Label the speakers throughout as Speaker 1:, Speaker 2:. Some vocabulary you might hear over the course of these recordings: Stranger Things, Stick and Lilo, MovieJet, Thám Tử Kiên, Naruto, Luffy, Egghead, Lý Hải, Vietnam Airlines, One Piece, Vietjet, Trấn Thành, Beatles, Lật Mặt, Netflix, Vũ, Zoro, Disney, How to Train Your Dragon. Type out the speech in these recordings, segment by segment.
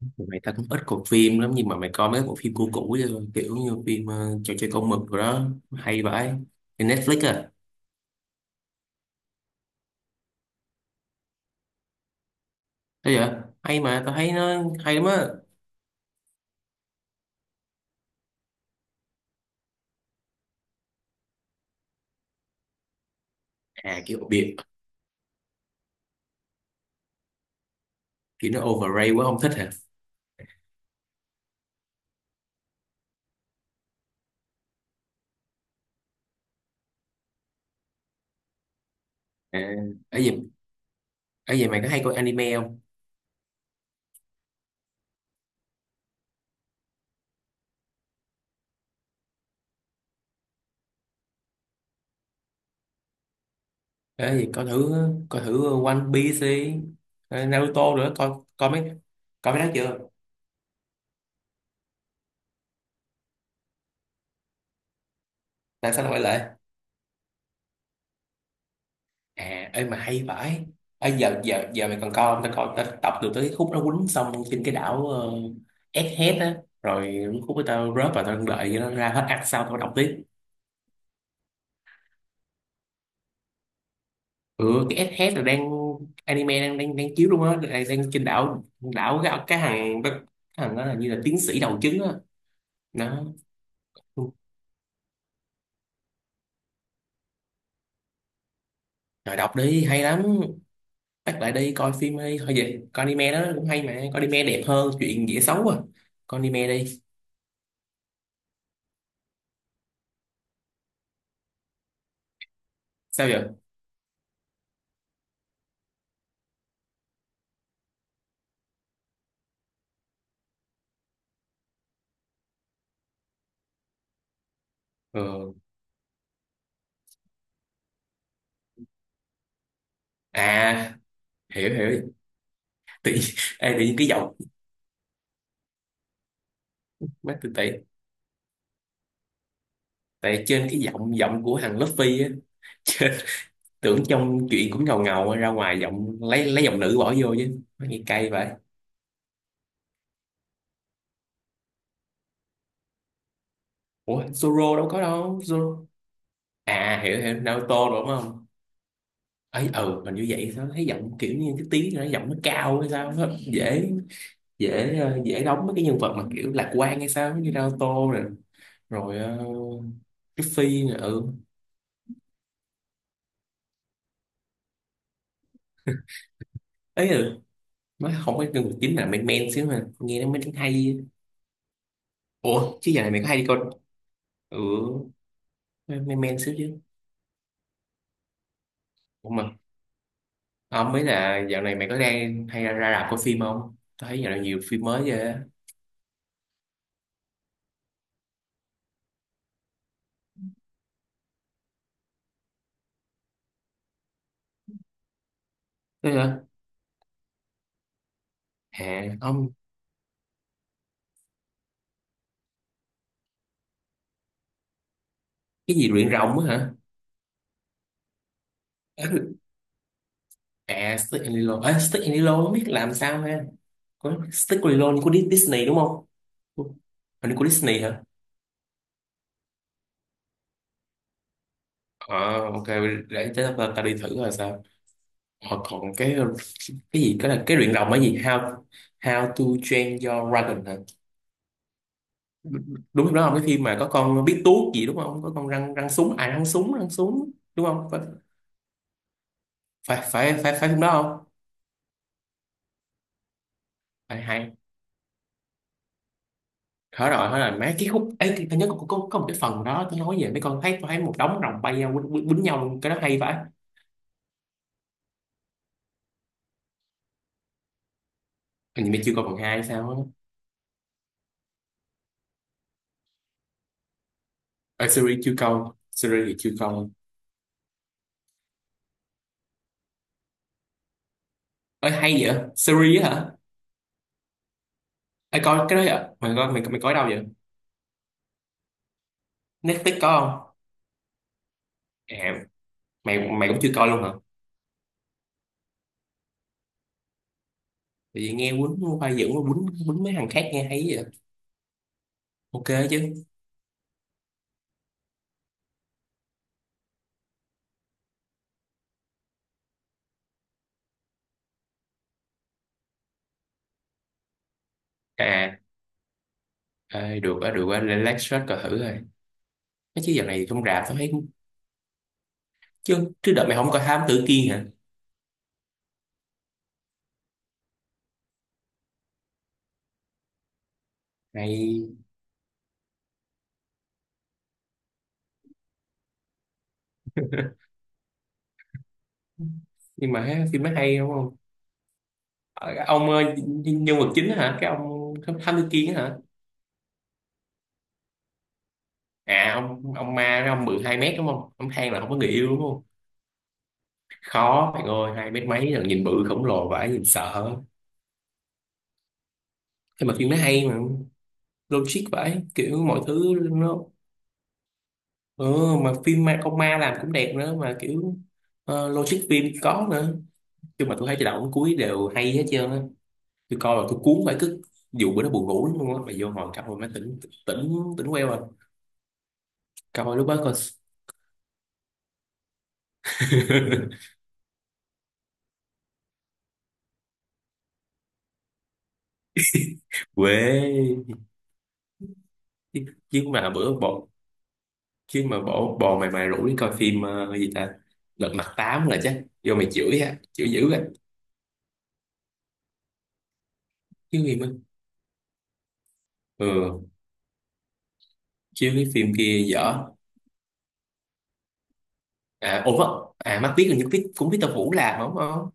Speaker 1: Mày ta cũng ít coi phim lắm nhưng mà mày coi mấy bộ phim cũ cũ chứ, kiểu như phim trò chơi con mực rồi đó hay vậy trên Netflix à? Thế vậy. Hay mà, tao thấy nó hay lắm á. À kiểu biệt, kiểu nó overrated quá không thích hả? À, ấy gì, ấy gì mày có hay coi anime không? Ấy gì coi thử, coi thử One Piece đi, Naruto nữa. Coi coi mấy, coi mấy đó chưa? Tại sao lại quay lại? À ê mà hay vãi. Ê, giờ giờ giờ mày còn coi không? Tao coi, tao tập được tới khúc nó quýnh xong trên cái đảo Egghead á. Rồi khúc của tao rớt và tao đợi cho nó ra hết arc sau tao đọc tiếp. Ừ, cái Egghead là đang anime đang đang đang chiếu luôn á, đang, đang trên đảo đảo cái thằng thằng đó là như là tiến sĩ đầu trứng á. Nó rồi đọc đi hay lắm. Bắt lại đi coi phim đi, thôi vậy coi anime đó cũng hay mà, coi anime đẹp hơn chuyện dễ xấu à. Coi anime đi. Sao vậy? Ừ. À, hiểu hiểu. Tự, ê, tự nhiên cái giọng mát tôi tệ, tại trên cái giọng giọng của thằng Luffy á, trên, tưởng trong chuyện cũng ngầu ngầu ra ngoài giọng lấy giọng nữ bỏ vô chứ nó nghe cay vậy. Ủa Zoro đâu có đâu, Zoro. À hiểu hiểu, Naruto đúng không? Ấy ừ, hình như vậy, sao thấy giọng kiểu như cái tiếng nó giọng nó cao hay sao á. Dễ, dễ dễ đóng mấy cái nhân vật mà kiểu lạc quan hay sao như Naruto rồi, rồi Luffy nữa, ừ. Ấy ừ, mới không có nhân vật chính là men men xíu mà nghe nó mới hay. Ủa, chứ giờ này mày có hay đi coi. Ừ mày, men xíu chứ. Ủa mà không, mấy là dạo này mày có đang hay ra, ra rạp coi phim không? Tao thấy dạo này nhiều phim mới ghê á. Thế hả? À, không, cái gì luyện rồng á hả? À, Stick and Lilo. À, Stick and Lilo không biết làm sao ha. Có Stick and Lilo của Disney đúng không? Hình như của Disney hả? Ờ, ok, để tới ta, ta đi thử là sao. Ờ, còn cái gì cái là cái luyện rồng là gì? How to Train Your Dragon hả? Đúng không đó không? Cái phim mà có con biết tuốt gì đúng không, có con răng răng súng à, răng súng đúng không? Phải phải phải phải, phải phim đó không? Phải, hay, thở rồi hỏi là mấy cái khúc ấy thì tôi nhớ có một cái phần đó tôi nói về mấy con, thấy tôi thấy một đống rồng bay nhau quýnh, quýnh, quýnh nhau luôn, cái đó hay phải. Hình như mày chưa coi phần 2 sao á. Ở series chưa coi, series thì chưa coi. Ơi hay vậy, series á hả. Ê, coi cái đó vậy mày coi, mày, mày coi ở đâu vậy? Netflix có không? À, mày mày cũng chưa coi luôn hả? Tại vì nghe quýnh khoa dưỡng quýnh quýnh mấy thằng khác nghe hay vậy. Ok chứ. À, ê, được á, lên lát shot coi thử rồi. Mấy chứ giờ này trong rạp tao thấy cũng... Chứ, chứ đợt mày không coi Thám Tử Kiên hả? Này, nhưng mà ha, phim nó hay đúng không? Ờ, ông nhân, nhân vật chính á hả? Cái ông Thám Tử Kiên á hả? À, ông ma, cái ông bự 2 mét đúng không? Ông than là không có người yêu đúng không? Khó, bạn ơi, 2 mét mấy là nhìn bự khổng lồ vãi, nhìn sợ. Nhưng mà phim nó hay mà, logic vãi, kiểu mọi thứ nó... Ừ, mà phim ma, con ma làm cũng đẹp nữa, mà kiểu logic phim có nữa. Chứ mà tôi thấy từ đầu đến cuối đều hay hết trơn á, tôi coi là tôi cuốn phải cứ, dù bữa đó buồn ngủ lắm luôn á mà vô ngồi coi mà tỉnh, tỉnh, tỉnh queo à. Coi lúc đó coi. Quê. Chứ, chứ mà bữa bộ, chứ mà bỏ bò mày, mày rủ đi coi phim gì ta, lật mặt 8 là chắc vô mày chửi á, chửi dữ á. Chứ phim á. Ừ. Chứ cái phim kia dở. À ủa à, mắt biết là những biết cũng biết tao Vũ làm đúng không.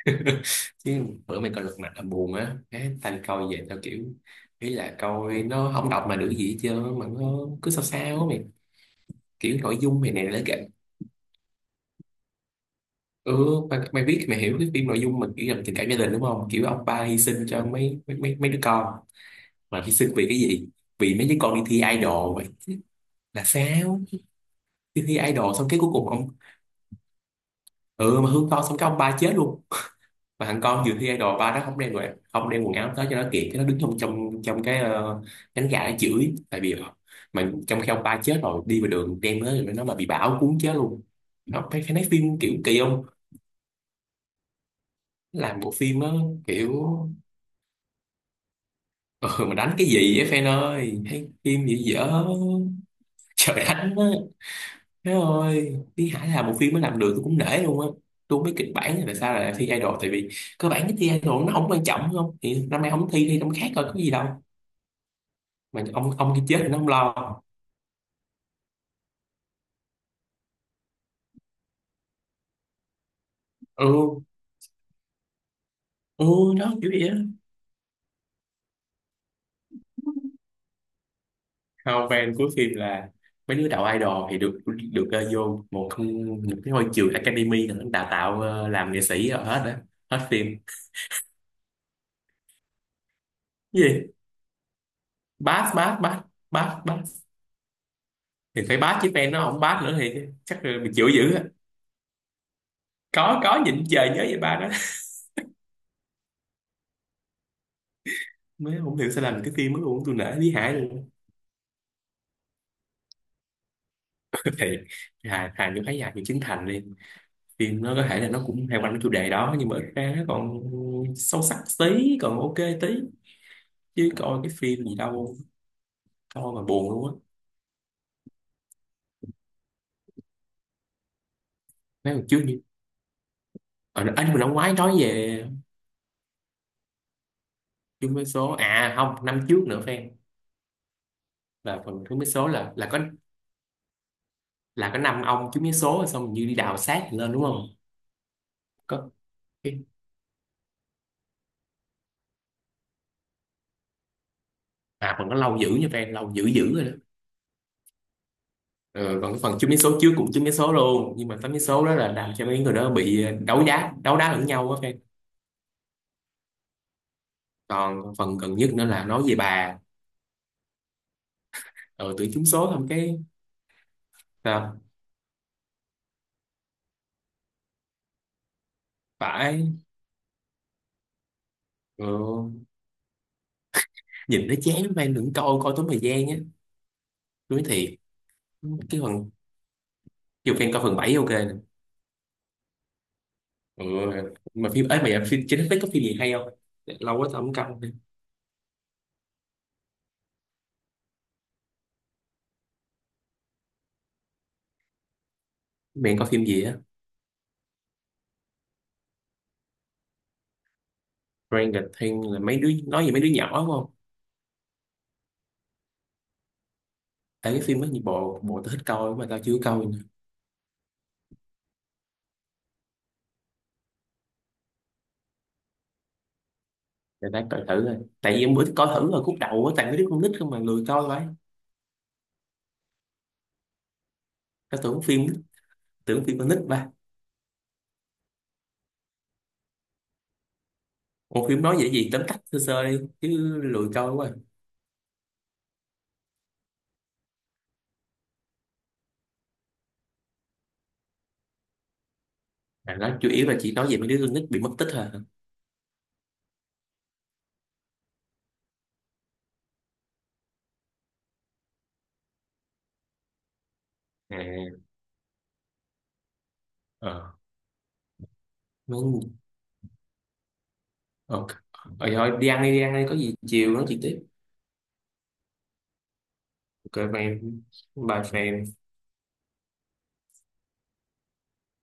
Speaker 1: Chứ bữa mày coi lật mặt là buồn á, cái tao coi về tao kiểu, ý là coi nó không đọc mà được gì hết trơn mà nó cứ sao sao á mày, kiểu nội dung mày này nó kệ. Ừ mày, mày biết mày hiểu cái phim nội dung mình kiểu là tình cảm gia đình đúng không, kiểu ông ba hy sinh cho mấy đứa con, mà hy sinh vì cái gì? Vì mấy đứa con đi thi idol vậy. Chứ là sao, đi thi idol xong cái cuối cùng ông, ừ mà hương to xong cái ông ba chết luôn, mà thằng con dự thi idol ba nó không đem đồ, không đem quần áo tới cho nó kịp, cái nó đứng trong trong trong cái cánh gà nó chửi tại vì mà trong khi ông ba chết rồi đi vào đường đem nó rồi nó mà bị bão cuốn chết luôn. Nó phải phải, nói phim kiểu kỳ không, làm bộ phim á kiểu. Ừ, mà đánh cái gì vậy fan ơi, thấy phim gì dở. Trời đánh á. Trời ơi Lý Hải làm một phim mới làm được tôi cũng nể luôn á. Tôi không biết kịch bản là tại sao lại thi idol, tại vì cơ bản cái thi idol nó không quan trọng đúng không, thì năm nay không thi thi năm khác rồi có gì đâu, mà ông kia chết thì nó không lo. Ừ. Ừ, nó kiểu vậy á. Hào fan cuối phim là mấy đứa đạo idol thì được, được vô một không một cái ngôi trường academy là đào tạo làm nghệ sĩ rồi hết đó, hết phim. Cái gì? Bát bát bát, bát bát. Thì phải bát chứ fan, nó không bát nữa thì chắc là bị chịu dữ á. Có nhịn trời nhớ về ba đó. Mới không hiểu sao làm cái phim mới luôn, tôi nể Lý Hải luôn. Thì hà, hà như thấy hà như Trấn Thành đi, phim nó có thể là nó cũng hay quanh cái chủ đề đó nhưng mà ít ra nó còn sâu sắc tí còn ok tí. Chứ coi cái phim gì đâu, coi mà buồn luôn á. Mấy lần trước như, ờ à, nhưng mà năm ngoái nói về chung mấy số à, không năm trước nữa fan. Là phần chung mấy số là có, là có năm ông chung mấy số rồi xong như đi đào xác lên đúng không? Có cái. À, phần nó lâu dữ nha fan, lâu dữ dữ rồi đó. Ờ, còn cái phần chung mấy số trước cũng chung mấy số luôn nhưng mà tám mấy số đó là làm cho mấy người đó bị đấu đá, đấu đá lẫn nhau á fan. Còn phần gần nhất nữa là nói về bà. Ừ, tưởng trúng số không cái. Sao? Phải. Ừ. Nhìn nó chán lắm fan, đừng coi, coi tốn thời gian á, nói thiệt. Cái phần, dù fan coi phần 7 ok nè. Ừ. Mà phim ấy mà dạ, phim trên Netflix có phim gì hay không, lâu quá tao không coi nữa. Mày coi phim gì á? Stranger Things là mấy đứa nói về mấy đứa nhỏ đúng không? Tại cái phim đó nhiều bộ bộ tao thích coi mà tao chưa coi nè. Để tao coi thử rồi, tại vì em bữa coi thử rồi khúc đầu á, tại mấy đứa con nít không mà lười coi vậy. Tao tưởng phim, tưởng phim con nít ba. Một phim nói vậy gì, tóm tắt sơ sơ đi chứ, lười coi quá. À, đó chủ yếu là chỉ nói về mấy đứa con nít bị mất tích thôi hả? À, ờ, mấy, ok rồi thôi đi ăn đi, đi ăn đi có gì chiều nói chuyện tiếp. Ok bye em. Bye.